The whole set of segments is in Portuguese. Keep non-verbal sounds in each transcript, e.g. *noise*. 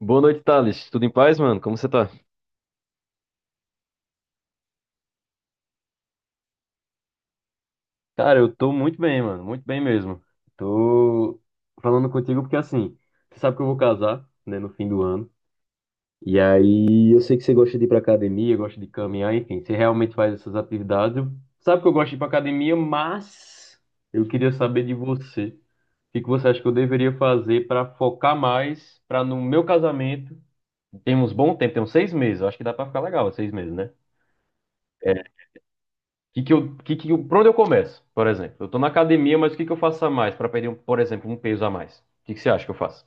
Boa noite, Thales. Tudo em paz, mano? Como você tá? Cara, eu tô muito bem, mano, muito bem mesmo. Tô falando contigo porque assim, você sabe que eu vou casar, né, no fim do ano. E aí, eu sei que você gosta de ir pra academia, gosta de caminhar, enfim, você realmente faz essas atividades. Sabe que eu gosto de ir pra academia, mas eu queria saber de você. O que você acha que eu deveria fazer pra focar mais, pra no meu casamento? Temos bom tempo, temos 6 meses, eu acho que dá pra ficar legal, 6 meses, né? É, que por onde eu começo, por exemplo? Eu tô na academia, mas o que eu faço a mais para perder, por exemplo, um peso a mais? O que você acha que eu faço?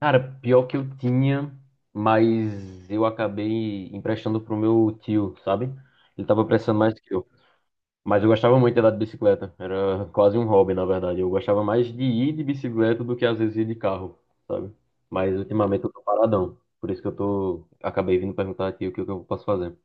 Cara, pior que eu tinha, mas eu acabei emprestando pro meu tio, sabe? Ele tava precisando mais que eu. Mas eu gostava muito de andar de bicicleta. Era quase um hobby, na verdade. Eu gostava mais de ir de bicicleta do que às vezes ir de carro, sabe? Mas ultimamente eu tô paradão. Por isso que eu tô. Acabei vindo perguntar aqui o que eu posso fazer.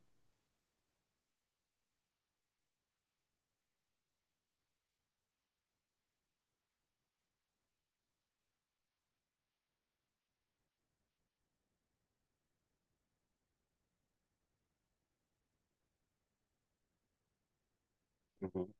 Uhum.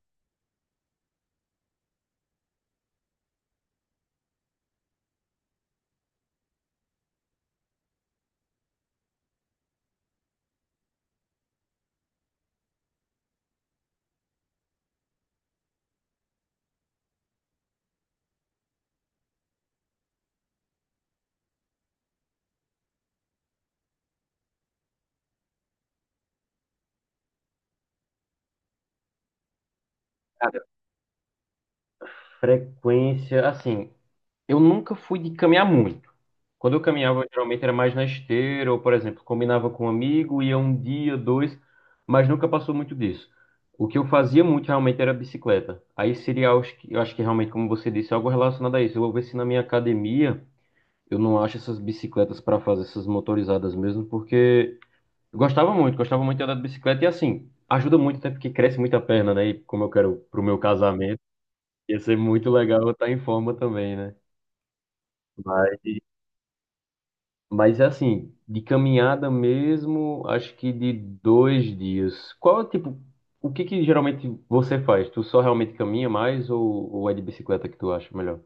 Cara, frequência, assim. Eu nunca fui de caminhar muito. Quando eu caminhava, geralmente era mais na esteira, ou, por exemplo, combinava com um amigo, ia um dia, dois, mas nunca passou muito disso. O que eu fazia muito realmente era bicicleta. Aí seria, acho que- eu acho que realmente, como você disse, é algo relacionado a isso. Eu vou ver se na minha academia eu não acho essas bicicletas para fazer essas motorizadas mesmo, porque eu gostava muito de andar de bicicleta e assim, ajuda muito até porque cresce muito a perna, né? E como eu quero pro meu casamento, ia ser muito legal eu estar em forma também, né? Mas assim, de caminhada mesmo, acho que de dois dias. Qual, é tipo, o que geralmente você faz? Tu só realmente caminha mais ou é de bicicleta que tu acha melhor?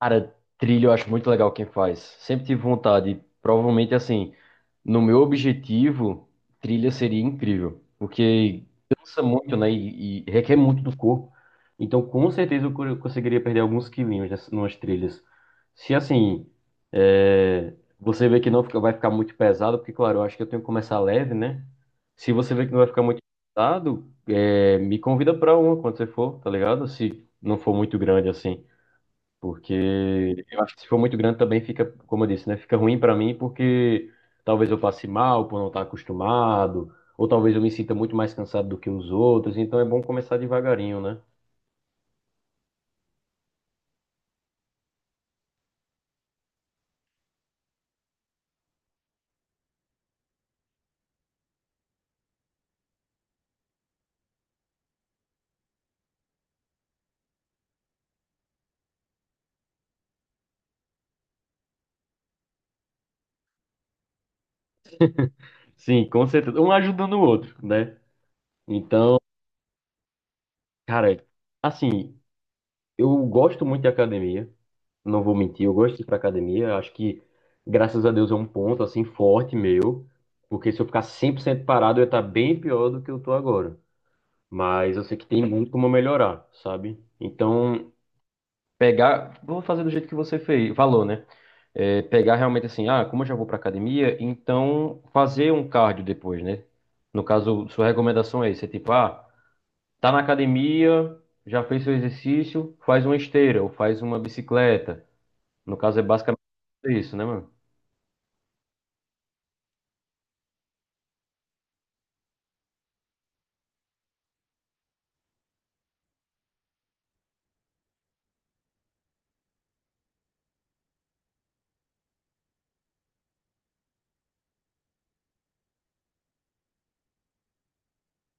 Cara, trilha eu acho muito legal quem faz. Sempre tive vontade. Provavelmente, assim, no meu objetivo, trilha seria incrível. Porque cansa muito, né? E requer muito do corpo. Então, com certeza, conseguiria perder alguns quilinhos nessas, numas trilhas. Se, assim, é, você vê que não fica- vai ficar muito pesado, porque, claro, eu acho que eu tenho que começar leve, né? Se você vê que não vai ficar muito pesado, é, me convida pra uma quando você for, tá ligado? Se não for muito grande, assim. Porque eu acho que se for muito grande também fica, como eu disse, né? Fica ruim para mim porque talvez eu passe mal por não estar acostumado, ou talvez eu me sinta muito mais cansado do que os outros, então é bom começar devagarinho, né? Sim, com certeza. Um ajudando o outro, né? Então, cara, assim, eu gosto muito de academia, não vou mentir, eu gosto de ir pra academia, acho que graças a Deus é um ponto assim forte meu, porque se eu ficar 100% parado eu ia estar bem pior do que eu tô agora. Mas eu sei que tem muito como melhorar, sabe? Então, pegar, vou fazer do jeito que você fez, falou, né? É, pegar realmente assim, ah, como eu já vou para academia, então fazer um cardio depois, né? No caso, sua recomendação é isso, é tipo, ah, tá na academia, já fez seu exercício, faz uma esteira ou faz uma bicicleta. No caso é basicamente isso, né, mano?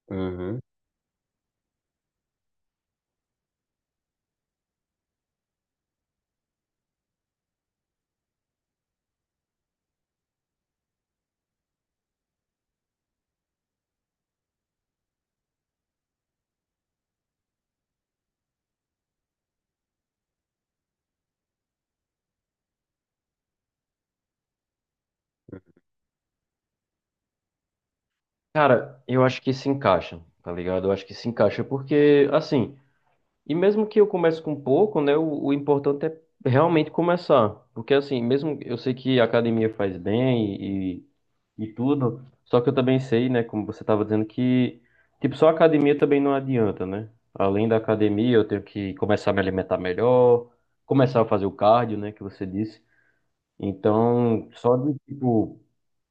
Uhum. Cara, eu acho que se encaixa, tá ligado? Eu acho que se encaixa porque, assim, e mesmo que eu comece com pouco, né, o importante é realmente começar. Porque assim, mesmo eu sei que a academia faz bem e, e tudo, só que eu também sei, né, como você estava dizendo, que tipo, só a academia também não adianta, né? Além da academia, eu tenho que começar a me alimentar melhor, começar a fazer o cardio, né, que você disse. Então, só de tipo,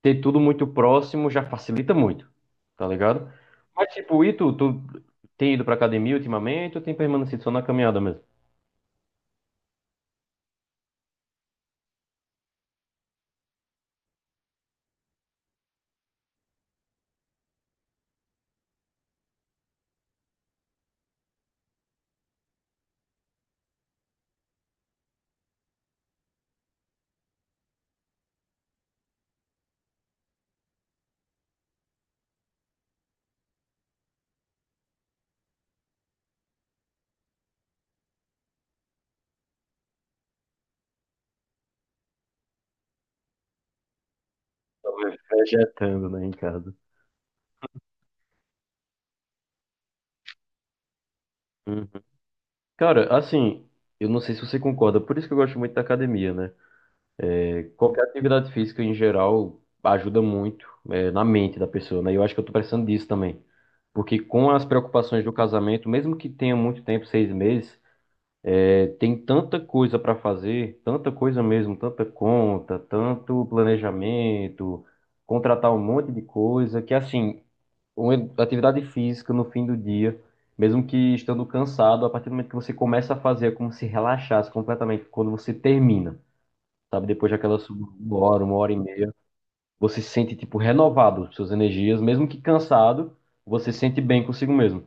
ter tudo muito próximo já facilita muito, tá ligado? Mas, tipo, e tu tem ido pra academia ultimamente ou tem permanecido só na caminhada mesmo? Tava Vegetando, né, em casa. Uhum. Cara, assim, eu não sei se você concorda, por isso que eu gosto muito da academia, né? Qualquer atividade física em geral ajuda muito, é, na mente da pessoa, né? E eu acho que eu tô precisando disso também. Porque com as preocupações do casamento, mesmo que tenha muito tempo, 6 meses, é, tem tanta coisa para fazer, tanta coisa mesmo, tanta conta, tanto planejamento, contratar um monte de coisa, que assim, uma atividade física no fim do dia, mesmo que estando cansado, a partir do momento que você começa a fazer, é como se relaxasse completamente quando você termina, sabe? Depois uma hora, 1 hora e meia, você se sente tipo renovado, suas energias, mesmo que cansado, você se sente bem consigo mesmo.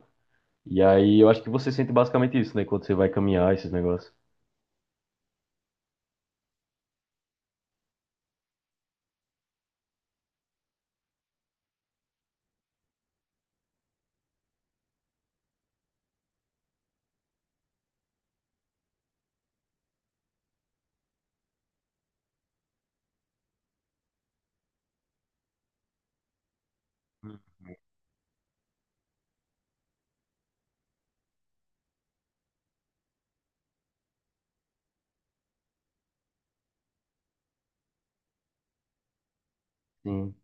E aí eu acho que você sente basicamente isso, né? Quando você vai caminhar, esses negócios. Sim.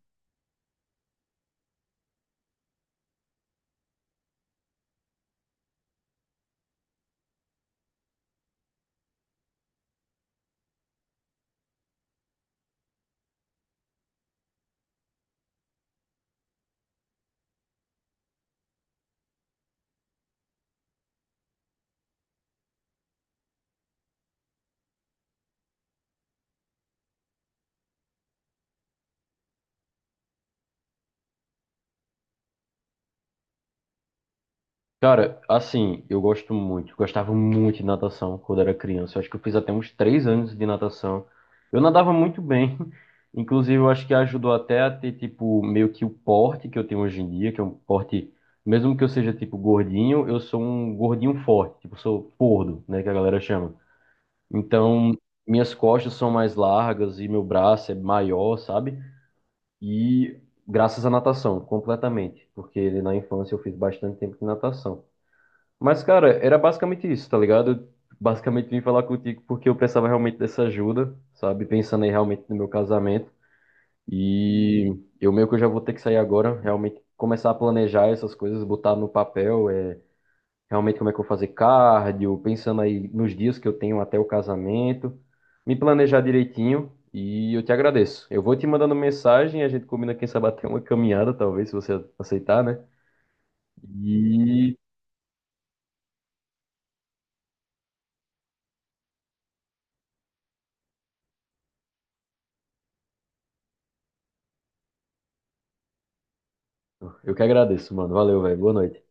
Cara, assim, eu gosto muito, gostava muito de natação quando era criança. Eu acho que eu fiz até uns 3 anos de natação. Eu nadava muito bem, *laughs* inclusive eu acho que ajudou até a ter, tipo, meio que o porte que eu tenho hoje em dia, que é um porte, mesmo que eu seja, tipo, gordinho, eu sou um gordinho forte, tipo, sou gordo, né, que a galera chama. Então, minhas costas são mais largas e meu braço é maior, sabe? E graças à natação, completamente, porque na infância eu fiz bastante tempo de natação. Mas, cara, era basicamente isso, tá ligado? Basicamente vim falar contigo porque eu precisava realmente dessa ajuda, sabe? Pensando aí realmente no meu casamento. E eu meio que eu já vou ter que sair agora, realmente começar a planejar essas coisas, botar no papel, é, realmente como é que eu vou fazer cardio, pensando aí nos dias que eu tenho até o casamento, me planejar direitinho e eu te agradeço. Eu vou te mandando mensagem, a gente combina quem sabe até uma caminhada, talvez, se você aceitar, né? E eu que agradeço, mano. Valeu, velho. Boa noite.